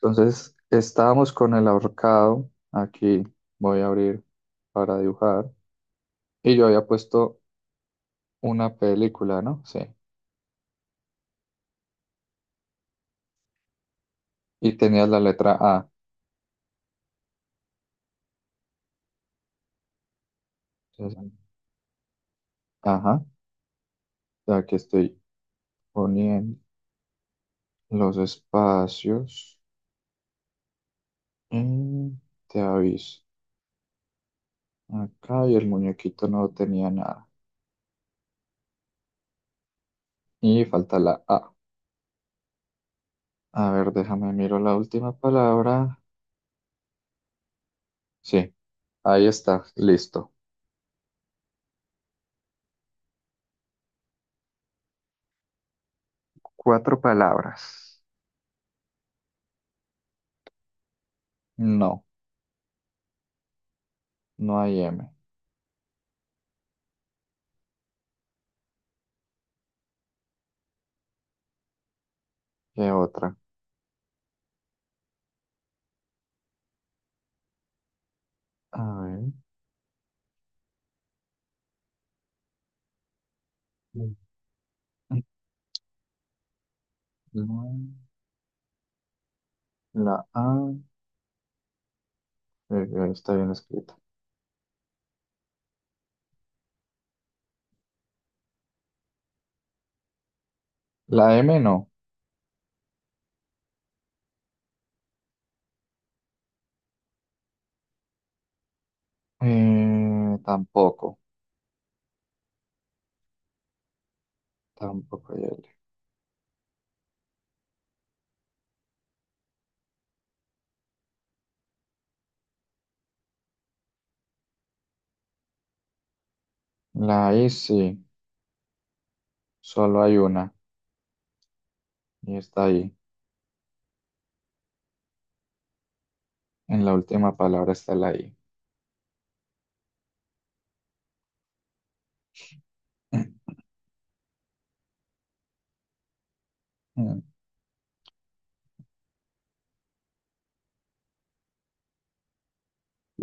Entonces, estábamos con el ahorcado. Aquí voy a abrir para dibujar. Y yo había puesto una película, ¿no? Sí. Y tenía la letra A. Entonces, ajá. Aquí estoy poniendo los espacios. Y te aviso. Acá y el muñequito no tenía nada. Y falta la A. A ver, déjame miro la última palabra. Sí, ahí está. Listo. Cuatro palabras. No, no hay M. ¿Qué otra? A ver. No, la A está bien escrita. La M no. Tampoco. Tampoco hay L. La I sí. Solo hay una. Y está ahí. En la última palabra está la I. Mm.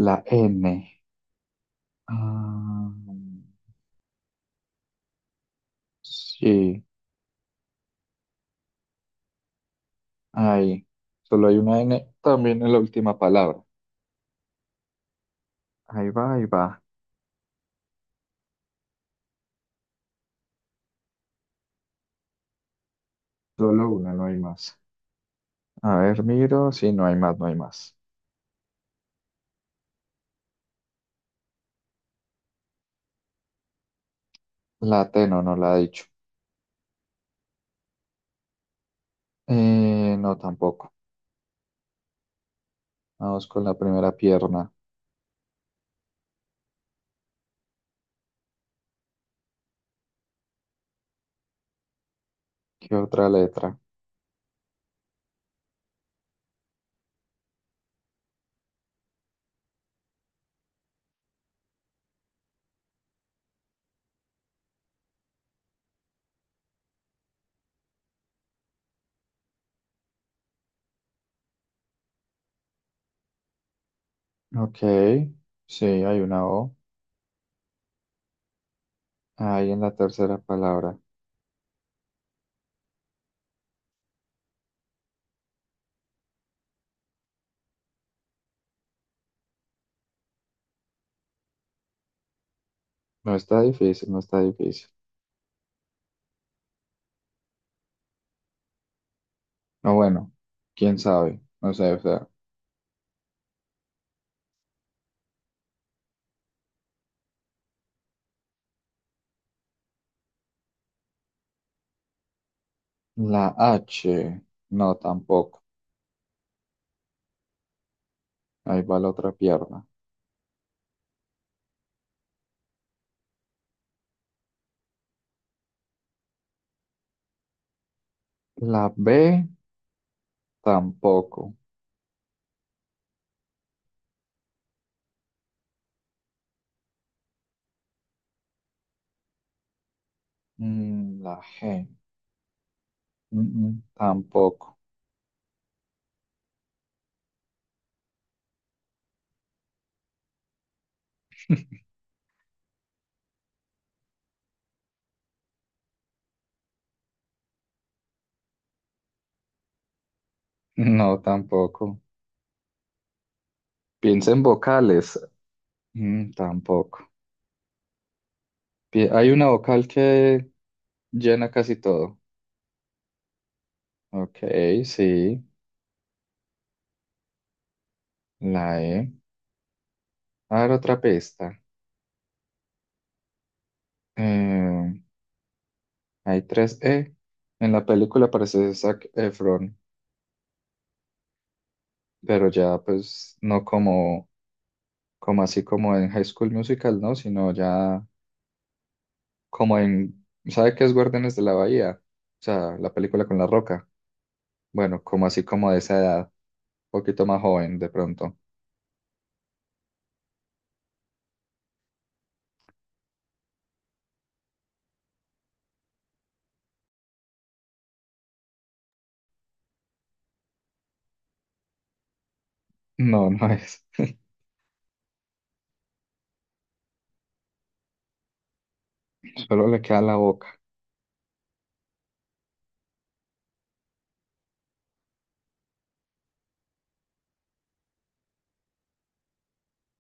La N. Ah, sí. Ahí. Solo hay una N. También en la última palabra. Ahí va, ahí va. Solo una, no hay más. A ver, miro. Sí, no hay más, no hay más. La T no, no la ha dicho. No, tampoco. Vamos con la primera pierna. ¿Qué otra letra? Ok, sí, hay una O. Ahí en la tercera palabra. No está difícil, no está difícil. No, bueno, quién sabe. No sé, o sea. La H, no, tampoco. Ahí va la otra pierna. La B, tampoco. La G, tampoco. No, tampoco. Piensa en vocales. Mm, tampoco. Hay una vocal que llena casi todo. Ok, sí, la E. A ver, otra pista. Eh, hay tres E. En la película aparece Zac Efron, pero ya pues no como, como así como en High School Musical, ¿no? Sino ya como en, ¿sabe qué es Guardianes de la Bahía? O sea, la película con La Roca. Bueno, como así como de esa edad, un poquito más joven de pronto. No, no es. Solo le queda la boca.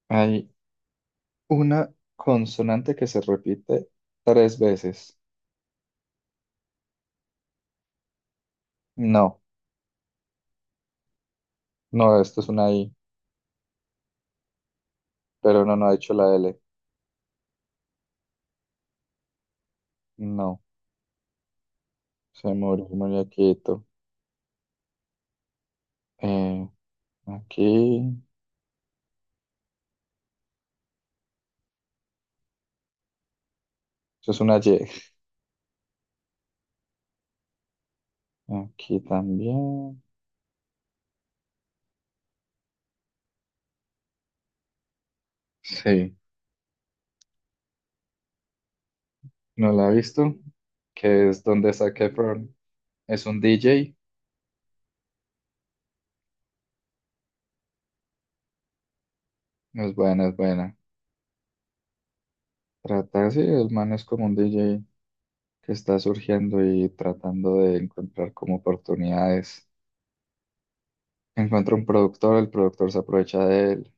Hay una consonante que se repite tres veces. No, no, esto es una I, pero no, no ha hecho la L. No, se murió, murió quieto. Eh, aquí, eso es una Y. Aquí también. Sí, no la he visto, que es donde saqué Efron. Es un DJ, es buena, es buena. Trata sí el man es como un DJ que está surgiendo y tratando de encontrar como oportunidades. Encuentra un productor, el productor se aprovecha de él,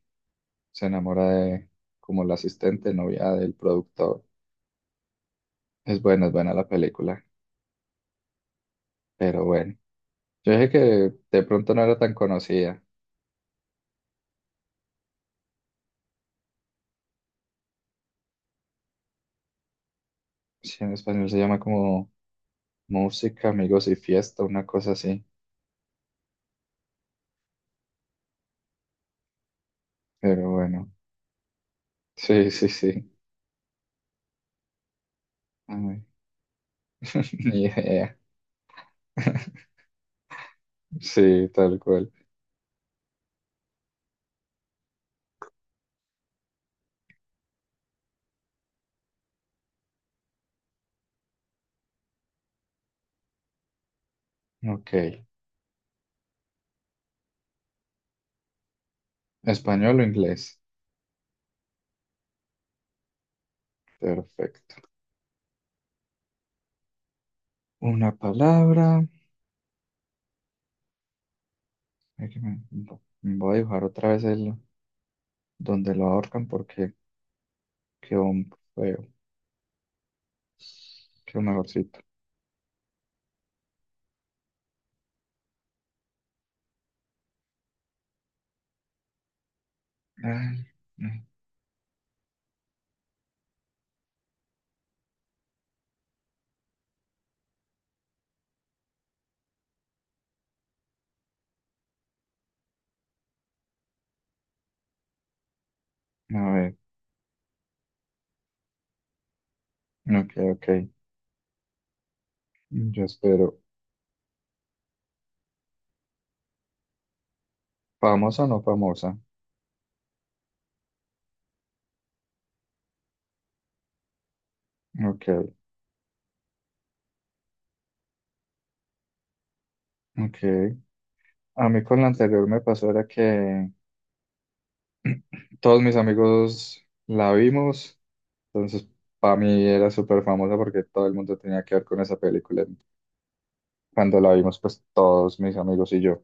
se enamora de como la asistente, novia del productor. Es buena la película, pero bueno. Yo dije que de pronto no era tan conocida. Sí, en español se llama como Música, Amigos y Fiesta, una cosa así. Pero bueno, sí, sí, sí. Ay, ni idea. Sí, tal cual. Ok. Español o inglés. Perfecto. Una palabra. Ay, que me- Voy a dibujar otra vez el, donde lo ahorcan porque quedó un feo, quedó mejorcito. Ay, ay, a ver, ok, ok. Yo espero. ¿Famosa o no famosa? Ok, ok. A mí con la anterior me pasó era que todos mis amigos la vimos, entonces para mí era súper famosa porque todo el mundo tenía que ver con esa película. Cuando la vimos, pues todos mis amigos y yo.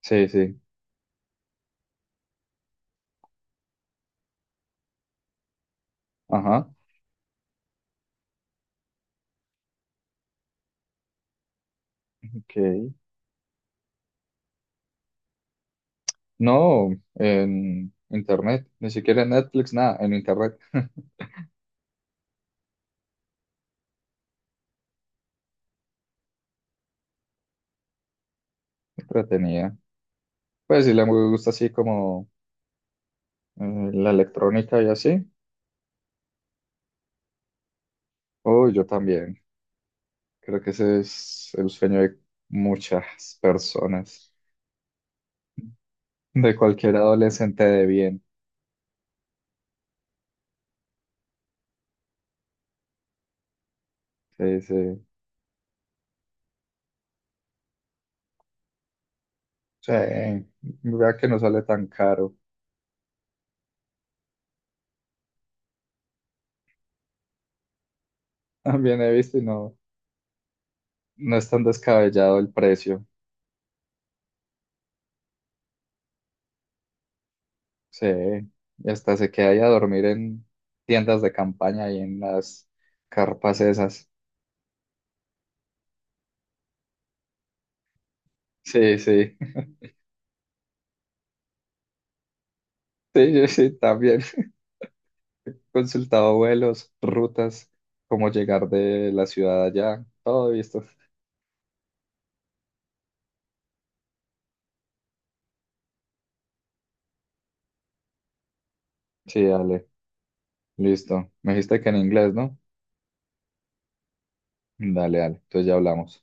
Sí, sí. Ajá, ok. No, en internet, ni siquiera en Netflix, nada, en internet. Entretenida. Pues si le gusta así como la electrónica y así. Oh, yo también. Creo que ese es el sueño de muchas personas, de cualquier adolescente de bien. Sí, sí. Sí, vea que no sale tan caro. También he visto y no, no es tan descabellado el precio. Sí, y hasta se queda ahí a dormir en tiendas de campaña y en las carpas esas. Sí, sí, sí, yo sí, también. Consultado vuelos, rutas, cómo llegar de la ciudad allá, todo visto. Sí, dale, listo. Me dijiste que en inglés, ¿no? Dale, dale, entonces ya hablamos.